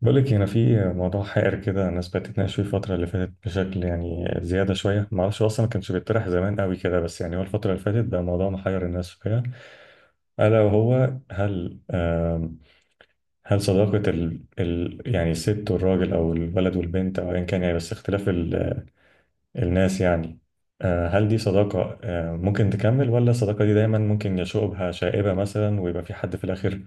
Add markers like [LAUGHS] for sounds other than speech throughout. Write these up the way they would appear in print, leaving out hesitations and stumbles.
بقولك هنا في موضوع حائر كده، الناس بقت تتناقش فيه الفترة اللي فاتت بشكل يعني زيادة شوية. معرفش هو أصلا ما كانش بيطرح زمان قوي كده، بس يعني هو الفترة اللي فاتت بقى موضوع محير الناس فيها. ألا وهو هل هل صداقة ال يعني الست والراجل، أو الولد والبنت، أو أيا كان، يعني بس اختلاف ال الناس يعني. هل دي صداقة؟ ممكن تكمل، ولا الصداقة دي دايما ممكن يشوق بها شائبة مثلا ويبقى في حد في الآخر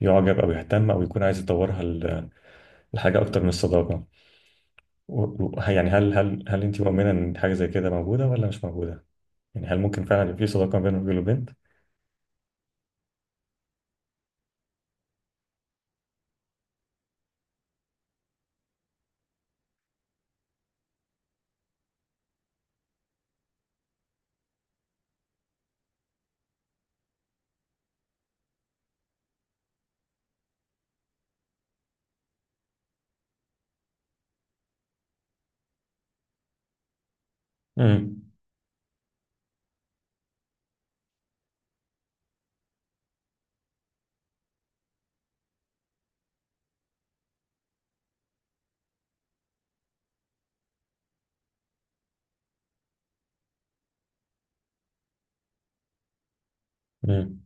يعجب أو يهتم أو يكون عايز يطورها لحاجة أكتر من الصداقة؟ يعني هل انت مؤمنه ان حاجه زي كده موجوده ولا مش موجوده؟ يعني هل ممكن فعلا يبقى في صداقه بين راجل وبنت؟ امم امم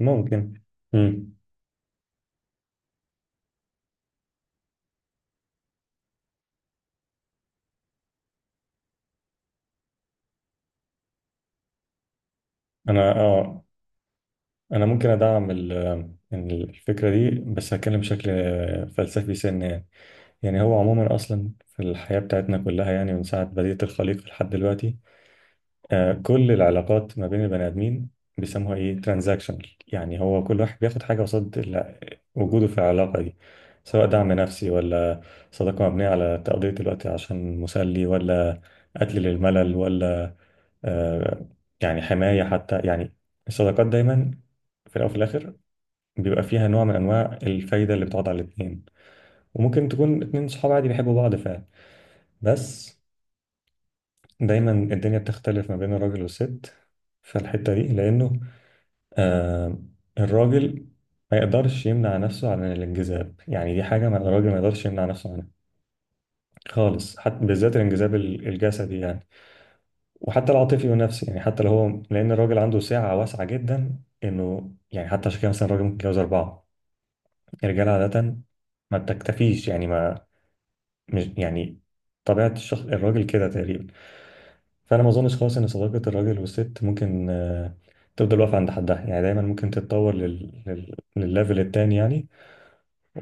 ممكن. امم انا انا ممكن ادعم إن الفكره دي، بس هتكلم بشكل فلسفي سنه يعني. يعني هو عموما اصلا في الحياه بتاعتنا كلها، يعني من ساعه بدايه الخليقه لحد دلوقتي، كل العلاقات ما بين البني ادمين بيسموها ايه، ترانزاكشنال. يعني هو كل واحد بياخد حاجه قصاد وجوده في العلاقه دي، سواء دعم نفسي، ولا صداقه مبنيه على تقضيه الوقت عشان مسلي، ولا قتل للملل، ولا آه، يعني حمايه حتى يعني. الصداقات دايما في الاول وفي الاخر بيبقى فيها نوع من انواع الفايده اللي بتقعد على الاثنين. وممكن تكون اتنين صحاب عادي بيحبوا بعض فعلا، بس دايما الدنيا بتختلف ما بين الراجل والست في الحته دي، لانه آه الراجل ما يقدرش يمنع نفسه عن الانجذاب. يعني دي حاجة ما الراجل ما يقدرش يمنع نفسه عنها خالص، حتى بالذات الانجذاب الجسدي يعني، وحتى العاطفي والنفسي يعني. حتى لو هو، لأن الراجل عنده سعة واسعة جدا، إنه يعني حتى عشان كده مثلا الراجل ممكن يتجوز 4. الرجال عادة ما بتكتفيش يعني. ما مش يعني طبيعة الشخص الراجل كده تقريبا. فأنا ما أظنش خالص إن صداقة الراجل والست ممكن تفضل واقفة عند حدها يعني، دايما ممكن تتطور للليفل التاني يعني.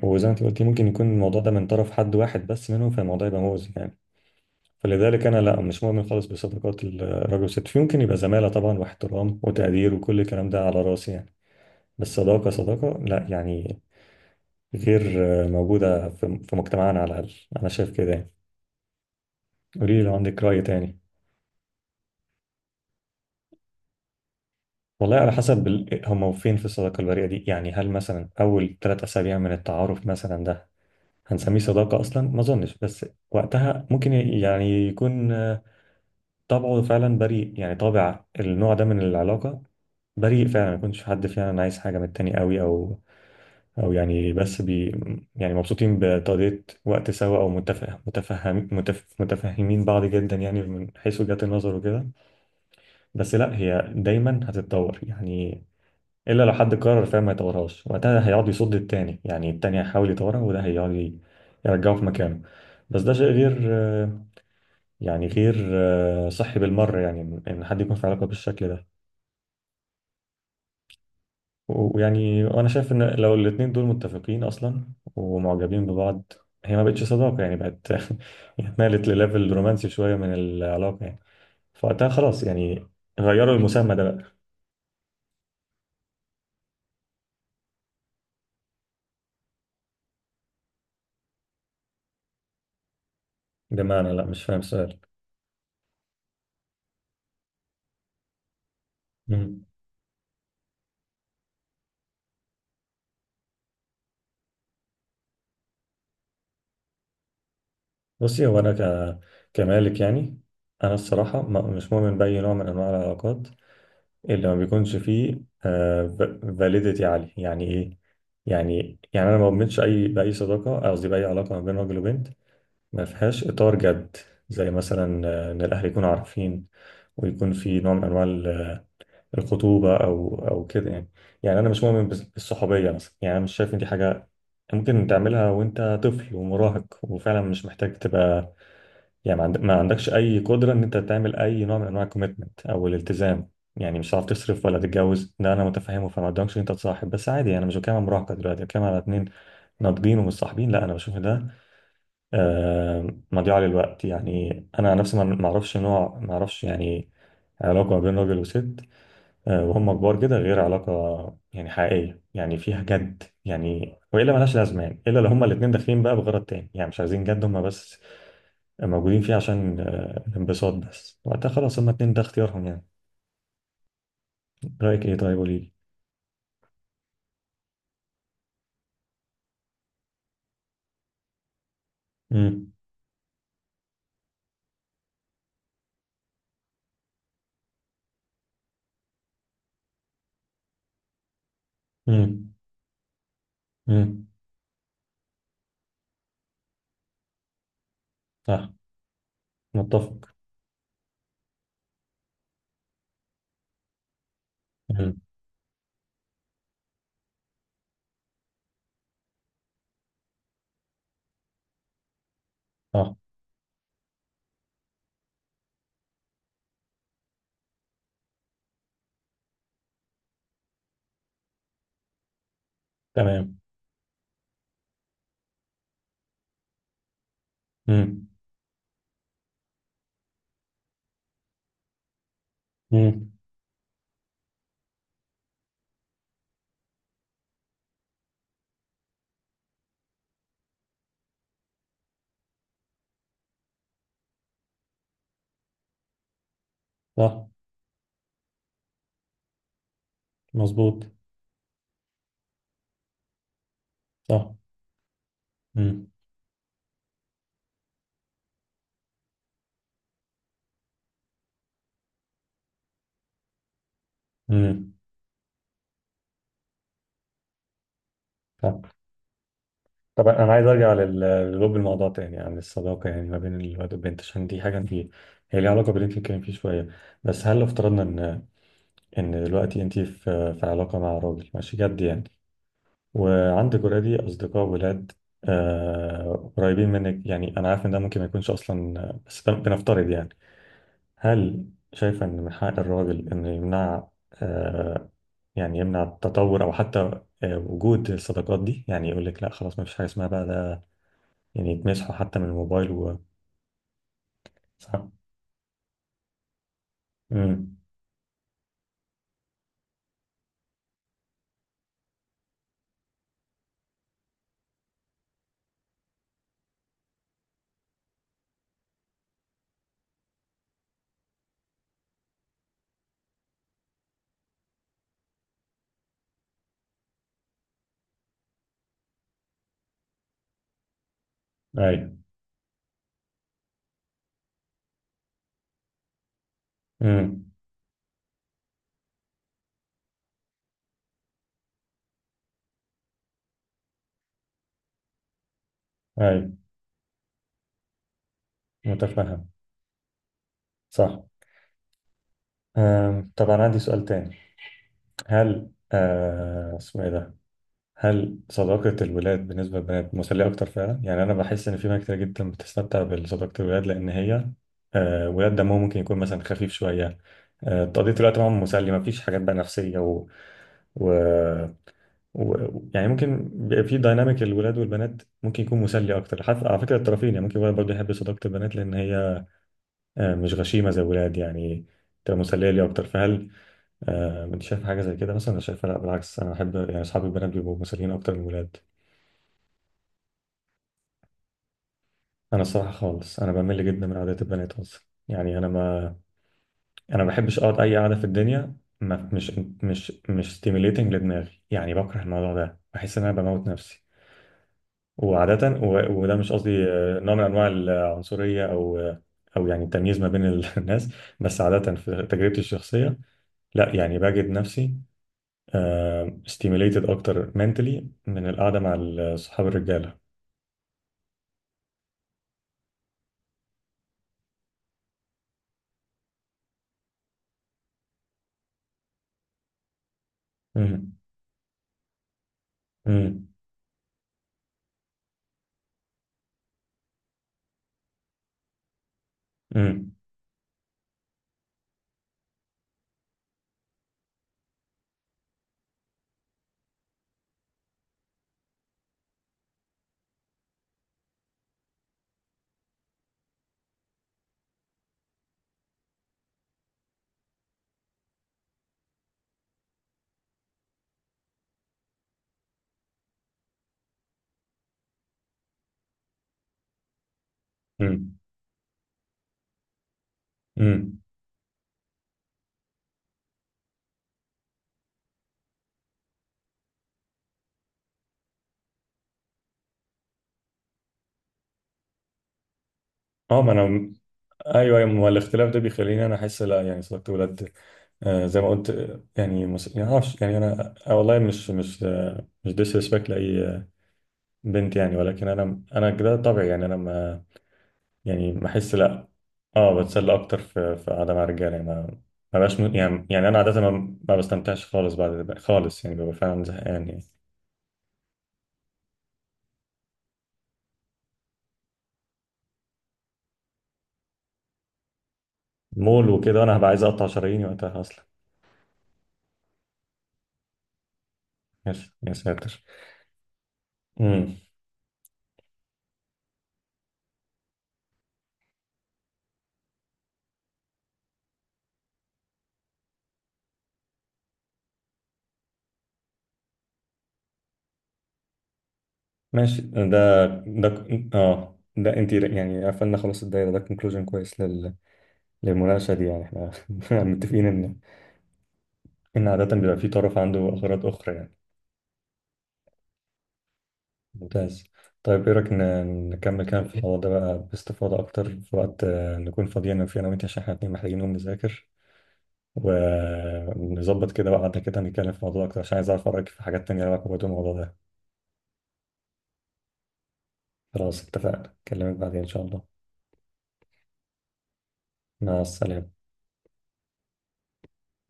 وزي ما انت قلتي، ممكن يكون الموضوع ده من طرف حد واحد بس منهم، فالموضوع يبقى مؤذي يعني. فلذلك انا، لا، مش مؤمن خالص بصداقات الراجل والست. يمكن يبقى زماله طبعا، واحترام وتقدير وكل الكلام ده على راسي يعني، بس صداقه صداقه لا يعني. غير موجوده في مجتمعنا على الاقل، انا شايف كده يعني. قولي لي لو عندك راي تاني. والله على حسب هم فين في الصداقه البريئه دي يعني. هل مثلا اول 3 اسابيع من التعارف مثلا ده هنسميه صداقه اصلا؟ ما اظنش، بس وقتها ممكن يعني يكون طبعه فعلا بريء يعني، طابع النوع ده من العلاقة بريء فعلا، ما يكونش حد فعلا عايز حاجة من التاني قوي، أو أو يعني بس بي يعني مبسوطين بتقضية وقت سوا، أو متفهمين بعض جدا يعني، من حيث وجهات النظر وكده. بس لا، هي دايما هتتطور يعني، إلا لو حد قرر فعلا ما يطورهاش. وقتها هيقعد يصد التاني يعني، التاني هيحاول يطورها وده هيقعد يرجعه في مكانه. بس ده شيء غير يعني، غير صحي بالمرة يعني، إن إن حد يكون في علاقة بالشكل ده. و- ويعني وأنا شايف إن لو الاتنين دول متفقين أصلا ومعجبين ببعض، هي ما بقتش صداقة يعني، بقت [LAUGHS] يعني اتنقلت لليفل رومانسي شوية من العلاقة يعني. فوقتها خلاص يعني، غيروا المسمى ده بقى. يا جماعة أنا، لا، مش فاهم السؤال. مم. بصي، هو أنا كمالك يعني، أنا الصراحة مش مؤمن بأي نوع من أنواع العلاقات اللي ما بيكونش فيه فاليديتي عالي. يعني ايه؟ يعني انا ما بؤمنش اي باي صداقه، قصدي باي علاقه ما بين راجل وبنت، ما فيهاش اطار جد، زي مثلا ان الاهل يكونوا عارفين ويكون في نوع من انواع الخطوبه او او كده يعني. يعني انا مش مؤمن بالصحوبيه مثلا، يعني انا مش شايف ان دي حاجه ممكن تعملها وانت طفل ومراهق، وفعلا مش محتاج تبقى يعني. ما عندكش اي قدره ان انت تعمل اي نوع من انواع الكوميتمنت او الالتزام. يعني مش هتعرف تصرف ولا تتجوز، ده انا متفهمه. فما قدامكش ان انت تصاحب بس عادي يعني. انا مش بتكلم على مراهقه دلوقتي، أنا بتكلم على اتنين ناضجين ومتصاحبين. لا انا بشوف ده مضيعه للوقت يعني. انا عن نفسي ما ما اعرفش نوع ما اعرفش يعني علاقه ما بين راجل وست وهم كبار كده، غير علاقه يعني حقيقيه يعني فيها جد يعني، والا ملهاش لازمه يعني. الا لو هما الاتنين داخلين بقى بغرض تاني يعني، مش عايزين جد، هما بس موجودين فيه عشان الانبساط بس. وقتها خلاص، هما اتنين ده اختيارهم يعني. رأيك ايه؟ طيب قولي لي. امم امم امم صح، متفق. امم صح، تمام. امم امم صح، مظبوط. صح. امم امم صح. طب انا عايز ارجع للب الموضوع تاني عن الصداقة يعني ما بين الواد والبنت، عشان دي حاجة انت هي ليها علاقة باللي انت بتتكلم فيه شوية. بس هل لو افترضنا ان ان دلوقتي انت في علاقة مع راجل ماشي جد يعني، وعندي جرادي أصدقاء ولاد قريبين منك يعني؟ أنا عارف إن ده ممكن ما يكونش أصلا بس ده بنفترض يعني. هل شايفة إن من حق الراجل إنه يمنع آه، يعني يمنع التطور، أو حتى وجود الصداقات دي، يعني يقول لك لا خلاص ما فيش حاجة اسمها بقى ده، يعني يتمسحوا حتى من الموبايل و... صح. امم أيوه. امم أيوه، متفهم. صح. طبعا عندي سؤال تاني. هل اسمه إيه ده، هل صداقة الولاد بالنسبة للبنات مسلية أكتر فعلا؟ يعني أنا بحس إن في بنات كتير جدا بتستمتع بصداقة الولاد، لأن هي ولاد دمهم ممكن يكون مثلا خفيف شوية. تقضية الوقت معاهم مسلي، مفيش حاجات بقى نفسية و... يعني ممكن بيبقى في دايناميك الولاد والبنات ممكن يكون مسلي أكتر، حتى على فكرة الطرفين يعني. ممكن الولد برضه يحب صداقة البنات، لأن هي مش غشيمة زي الولاد يعني، تبقى مسلية لي أكتر. فهل أنت شايف حاجة زي كده؟ مثلا أنا شايفها لأ، بالعكس أنا أحب يعني أصحابي البنات بيبقوا مسليين أكتر من الولاد. انا الصراحه خالص انا بمل جدا من قعدات البنات اصلا، يعني انا ما بحبش اقعد اي قعده في الدنيا، ما مش مش مش stimulating لدماغي يعني، بكره الموضوع ده بحس ان انا بموت نفسي وعاده. وده مش قصدي نوع من انواع العنصريه او او يعني التمييز ما بين [LAUGHS] الناس، بس عاده في تجربتي الشخصيه لا، يعني بجد نفسي stimulated اكتر mentally من القعده مع صحاب الرجاله. امم امم امم اه ما انا، ايوه ايوه ما هو الاختلاف ده بيخليني انا احس لا يعني صداقه ولاد زي ما قلت يعني يعني معرفش يعني انا والله مش ديسريسبكت لاي بنت يعني، ولكن انا كده طبيعي يعني انا ما احس لا. اه بتسلى اكتر في قعده مع رجاله يعني، ما ما بقاش انا عاده ما بستمتعش خالص بعد خالص يعني، ببقى فعلا زهقان يعني. مول وكده انا هبقى عايز اقطع شراييني وقتها اصلا. يا يا ساتر. ماشي ده ده ده انت يعني قفلنا خلاص الدايره، ده كونكلوجن كويس للمناقشه دي يعني. احنا [LAUGHS] متفقين ان ان عاده بيبقى في طرف عنده اغراض اخرى يعني. ممتاز. طيب ايه رايك نكمل كلام في الحوار ده بقى باستفاضه اكتر في وقت نكون فاضيين فيه انا وانت، عشان احنا اتنين محتاجين نقوم نذاكر ونظبط كده، وقعدنا كده نتكلم في الموضوع اكتر، عشان عايز اعرف رايك في حاجات تانيه لها علاقه برضه بالموضوع ده. خلاص، اتفقنا، اكلمك بعدين ان شاء الله. مع السلامه.